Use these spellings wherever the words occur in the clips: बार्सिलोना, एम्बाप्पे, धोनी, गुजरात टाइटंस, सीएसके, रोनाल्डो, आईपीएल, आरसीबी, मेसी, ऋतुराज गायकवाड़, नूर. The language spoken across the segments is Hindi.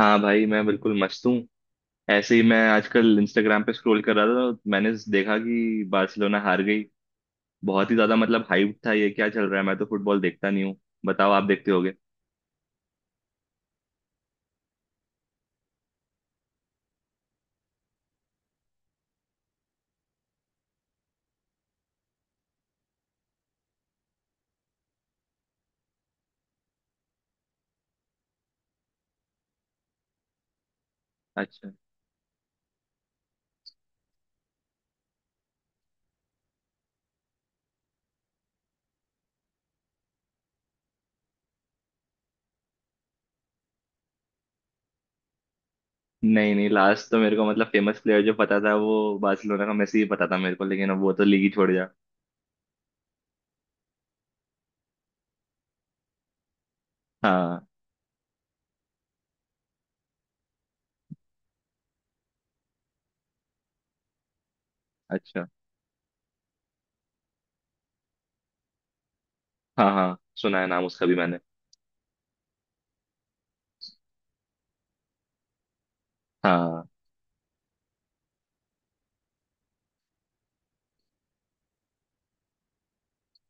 हाँ भाई, मैं बिल्कुल मस्त हूँ। ऐसे ही मैं आजकल इंस्टाग्राम पे स्क्रॉल कर रहा था तो मैंने देखा कि बार्सिलोना हार गई। बहुत ही ज्यादा मतलब हाइप था, ये क्या चल रहा है? मैं तो फुटबॉल देखता नहीं हूँ। बताओ, आप देखते होगे। अच्छा। नहीं नहीं, लास्ट तो मेरे को मतलब फेमस प्लेयर जो पता था वो बार्सिलोना का मेसी ही पता था मेरे को, लेकिन अब वो तो लीग ही छोड़ गया। हाँ। अच्छा। हाँ हाँ, सुना है नाम उसका भी मैंने। हाँ।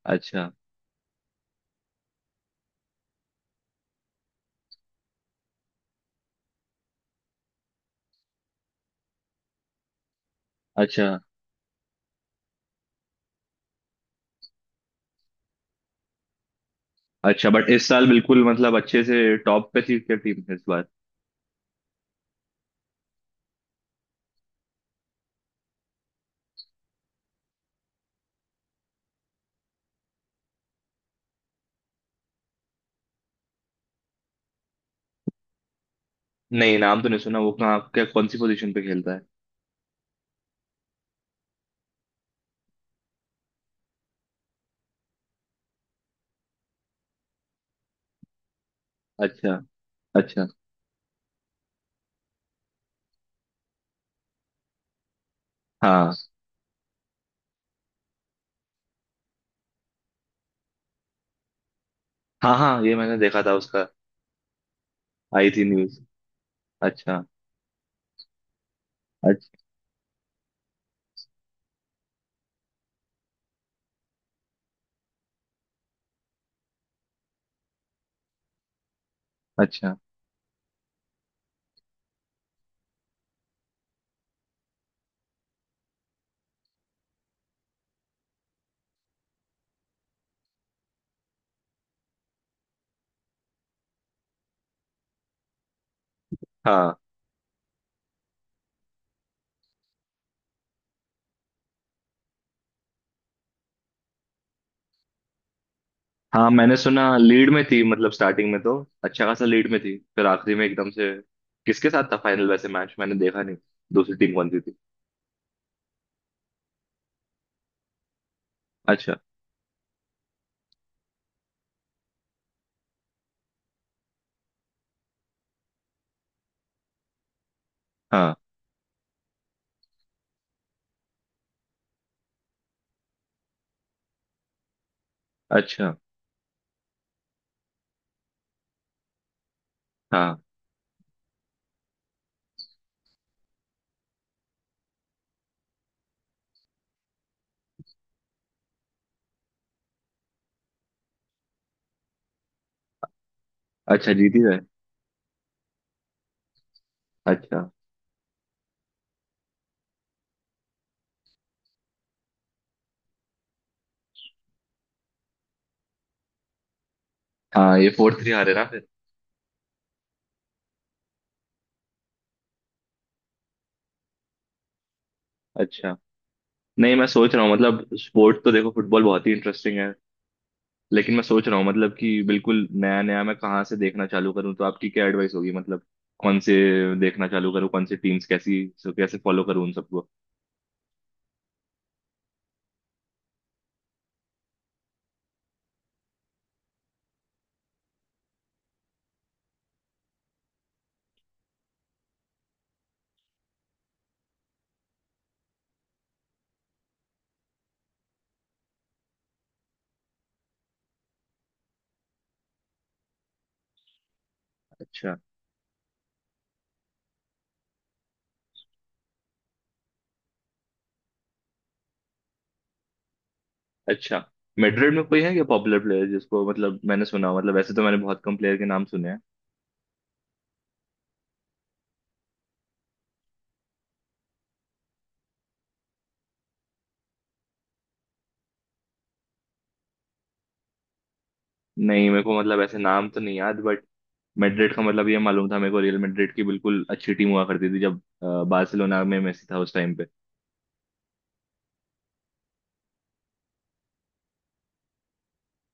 अच्छा। अच्छा। अच्छा, बट इस साल बिल्कुल मतलब अच्छे से टॉप पे थी क्या टीम इस बार? नहीं, नाम तो नहीं सुना। वो कहाँ, क्या कौन सी पोजीशन पे खेलता है? अच्छा। अच्छा। हाँ हाँ हाँ, ये मैंने देखा था उसका। आई थी न्यूज। अच्छा। अच्छा। अच्छा। हाँ हाँ, मैंने सुना लीड में थी, मतलब स्टार्टिंग में तो अच्छा खासा लीड में थी, फिर आखिरी में एकदम से। किसके साथ था फाइनल? वैसे मैच मैंने देखा नहीं। दूसरी टीम कौन सी थी? अच्छा। हाँ। अच्छा। हाँ। अच्छा, जीती है। अच्छा। हाँ, ये 4-3 हारे ना फिर। अच्छा। नहीं, मैं सोच रहा हूँ मतलब स्पोर्ट तो देखो फुटबॉल बहुत ही इंटरेस्टिंग है। लेकिन मैं सोच रहा हूँ मतलब कि बिल्कुल नया नया मैं कहाँ से देखना चालू करूँ, तो आपकी क्या एडवाइस होगी मतलब? कौन से देखना चालू करूँ, कौन से टीम्स कैसी, सो कैसे फॉलो करूँ उन सबको? अच्छा। अच्छा, मैड्रिड में कोई है क्या पॉपुलर प्लेयर जिसको मतलब मैंने सुना हो? मतलब वैसे तो मैंने बहुत कम प्लेयर के नाम सुने हैं। नहीं, मेरे को मतलब ऐसे नाम तो नहीं याद, बट मैड्रिड का मतलब ये मालूम था मेरे को रियल मैड्रिड की बिल्कुल अच्छी टीम हुआ करती थी जब बार्सिलोना में मेसी था उस टाइम पे।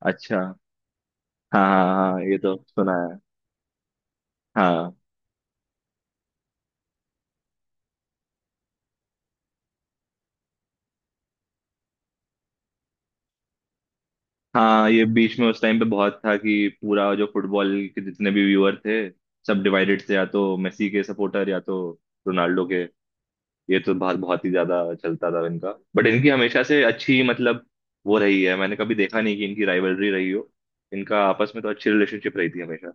अच्छा। हाँ हाँ। हाँ, ये तो सुना है। हाँ। हाँ, ये बीच में उस टाइम पे बहुत था कि पूरा जो फुटबॉल के जितने भी व्यूअर थे सब डिवाइडेड थे, या तो मेसी के सपोर्टर या तो रोनाल्डो के। ये तो बहुत बहुत ही ज्यादा चलता था इनका, बट इनकी हमेशा से अच्छी मतलब वो रही है। मैंने कभी देखा नहीं कि इनकी राइवलरी रही हो। इनका आपस में तो अच्छी रिलेशनशिप रही थी हमेशा।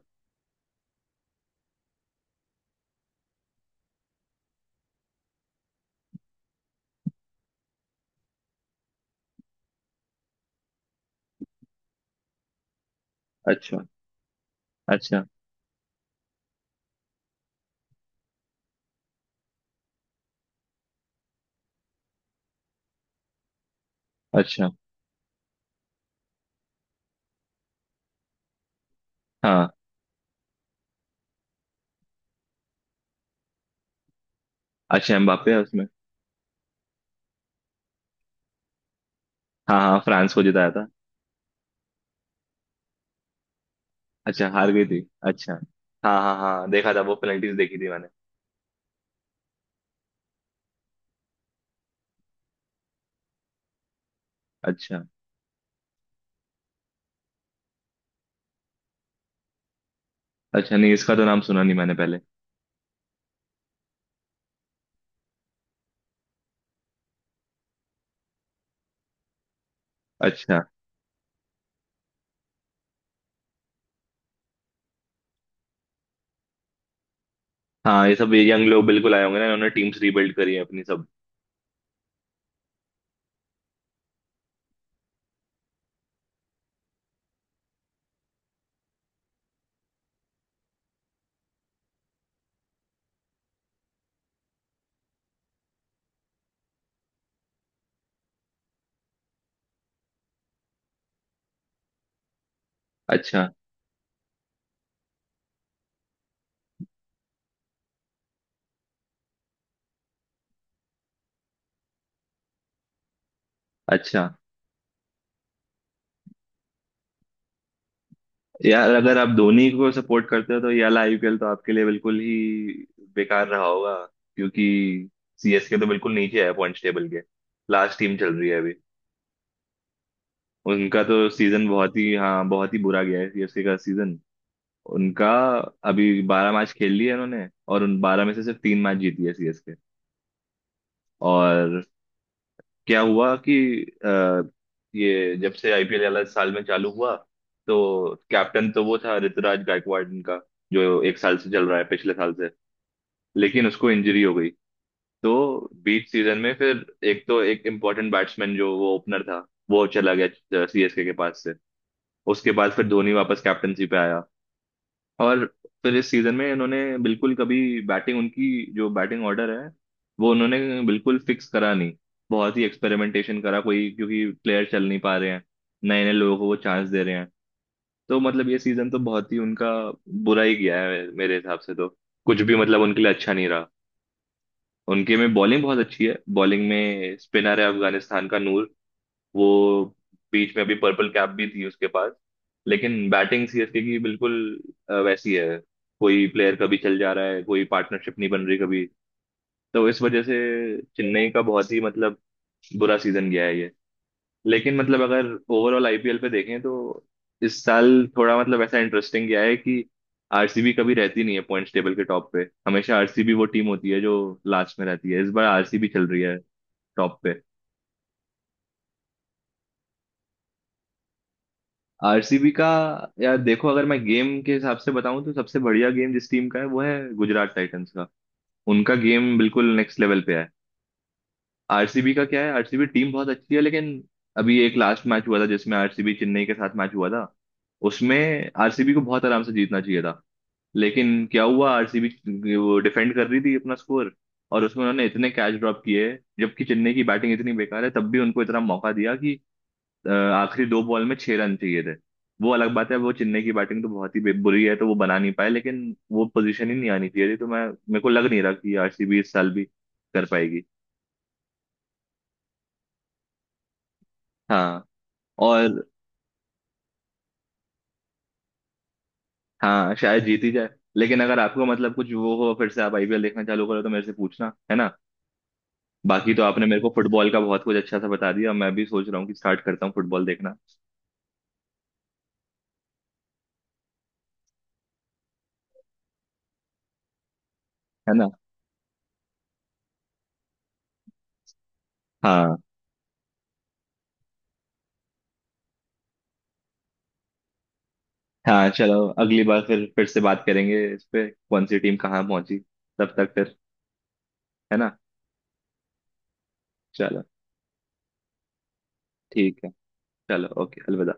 अच्छा। अच्छा। अच्छा। हाँ। अच्छा, एम्बाप्पे है उसमें। हाँ हाँ, फ्रांस को जिताया था। अच्छा, हार गई थी। अच्छा। हाँ हाँ हाँ, देखा था वो पेनल्टीज देखी थी मैंने। अच्छा। अच्छा, नहीं इसका तो नाम सुना नहीं मैंने पहले। अच्छा। हाँ, ये सब यंग लोग बिल्कुल आए होंगे ना, इन्होंने टीम्स रीबिल्ड करी है अपनी सब। अच्छा। अच्छा। यार, अगर आप धोनी को सपोर्ट करते हो तो ये वाला आईपीएल तो आपके लिए बिल्कुल ही बेकार रहा होगा, क्योंकि सीएसके तो बिल्कुल नीचे है पॉइंट्स टेबल के। लास्ट टीम चल रही है अभी। उनका तो सीजन बहुत ही, हाँ, बहुत ही बुरा गया है सीएसके का सीजन। उनका। अभी 12 मैच खेल लिए उन्होंने, और उन 12 में से सिर्फ तीन मैच जीती है सीएसके। और क्या हुआ कि अ, ये जब से आईपीएल वाला साल में चालू हुआ तो कैप्टन तो वो था ऋतुराज गायकवाड़ इनका, जो एक साल से चल रहा है पिछले साल से। लेकिन उसको इंजरी हो गई, तो बीच सीजन में फिर एक तो एक इम्पोर्टेंट बैट्समैन जो वो ओपनर था वो चला गया सीएसके के पास से। उसके बाद फिर धोनी वापस कैप्टनसी पे आया। और फिर इस सीजन में इन्होंने बिल्कुल कभी बैटिंग उनकी, जो बैटिंग ऑर्डर है वो उन्होंने बिल्कुल फिक्स करा नहीं। बहुत ही एक्सपेरिमेंटेशन करा, कोई क्योंकि प्लेयर चल नहीं पा रहे हैं, नए नए लोगों को वो चांस दे रहे हैं। तो मतलब ये सीजन तो बहुत ही उनका बुरा ही गया है मेरे हिसाब से तो। कुछ भी मतलब उनके लिए अच्छा नहीं रहा। उनके में बॉलिंग बहुत अच्छी है, बॉलिंग में स्पिनर है अफगानिस्तान का नूर। वो बीच में अभी पर्पल कैप भी थी उसके पास। लेकिन बैटिंग सीएसके की बिल्कुल वैसी है। कोई प्लेयर कभी चल जा रहा है, कोई पार्टनरशिप नहीं बन रही कभी। तो इस वजह से चेन्नई का बहुत ही मतलब बुरा सीजन गया है ये। लेकिन मतलब अगर ओवरऑल आईपीएल पे देखें तो इस साल थोड़ा मतलब ऐसा इंटरेस्टिंग गया है कि आरसीबी कभी रहती नहीं है पॉइंट्स टेबल के टॉप पे, हमेशा आरसीबी वो टीम होती है जो लास्ट में रहती है। इस बार आरसीबी चल रही है टॉप पे। आरसीबी का, यार देखो अगर मैं गेम के हिसाब से बताऊं तो सबसे बढ़िया गेम जिस टीम का है वो है गुजरात टाइटंस का। उनका गेम बिल्कुल नेक्स्ट लेवल पे है। आरसीबी का क्या है, आरसीबी टीम बहुत अच्छी है, लेकिन अभी एक लास्ट मैच हुआ था जिसमें आरसीबी चेन्नई के साथ मैच हुआ था। उसमें आरसीबी को बहुत आराम से जीतना चाहिए था, लेकिन क्या हुआ, आरसीबी वो डिफेंड कर रही थी अपना स्कोर, और उसमें उन्होंने इतने कैच ड्रॉप किए जबकि चेन्नई की बैटिंग इतनी बेकार है तब भी उनको इतना मौका दिया कि आखिरी दो बॉल में छह रन चाहिए थे। वो अलग बात है, वो चेन्नई की बैटिंग तो बहुत ही बुरी है तो वो बना नहीं पाए, लेकिन वो पोजीशन ही नहीं आनी चाहिए थी। तो मैं, मेरे को लग नहीं रहा कि आरसीबी इस साल भी कर पाएगी। हाँ। और हाँ, शायद जीती जाए। लेकिन अगर आपको मतलब कुछ वो हो फिर से आप आईपीएल देखना चालू करो तो मेरे से पूछना है ना। बाकी तो आपने मेरे को फुटबॉल का बहुत कुछ अच्छा सा बता दिया, मैं भी सोच रहा हूँ कि स्टार्ट करता हूँ फुटबॉल देखना। है ना? हाँ हाँ, चलो, अगली बार फिर से बात करेंगे इस पे कौन सी टीम कहाँ पहुंची। तब तक फिर, है ना? चलो ठीक है। चलो, ओके, अलविदा।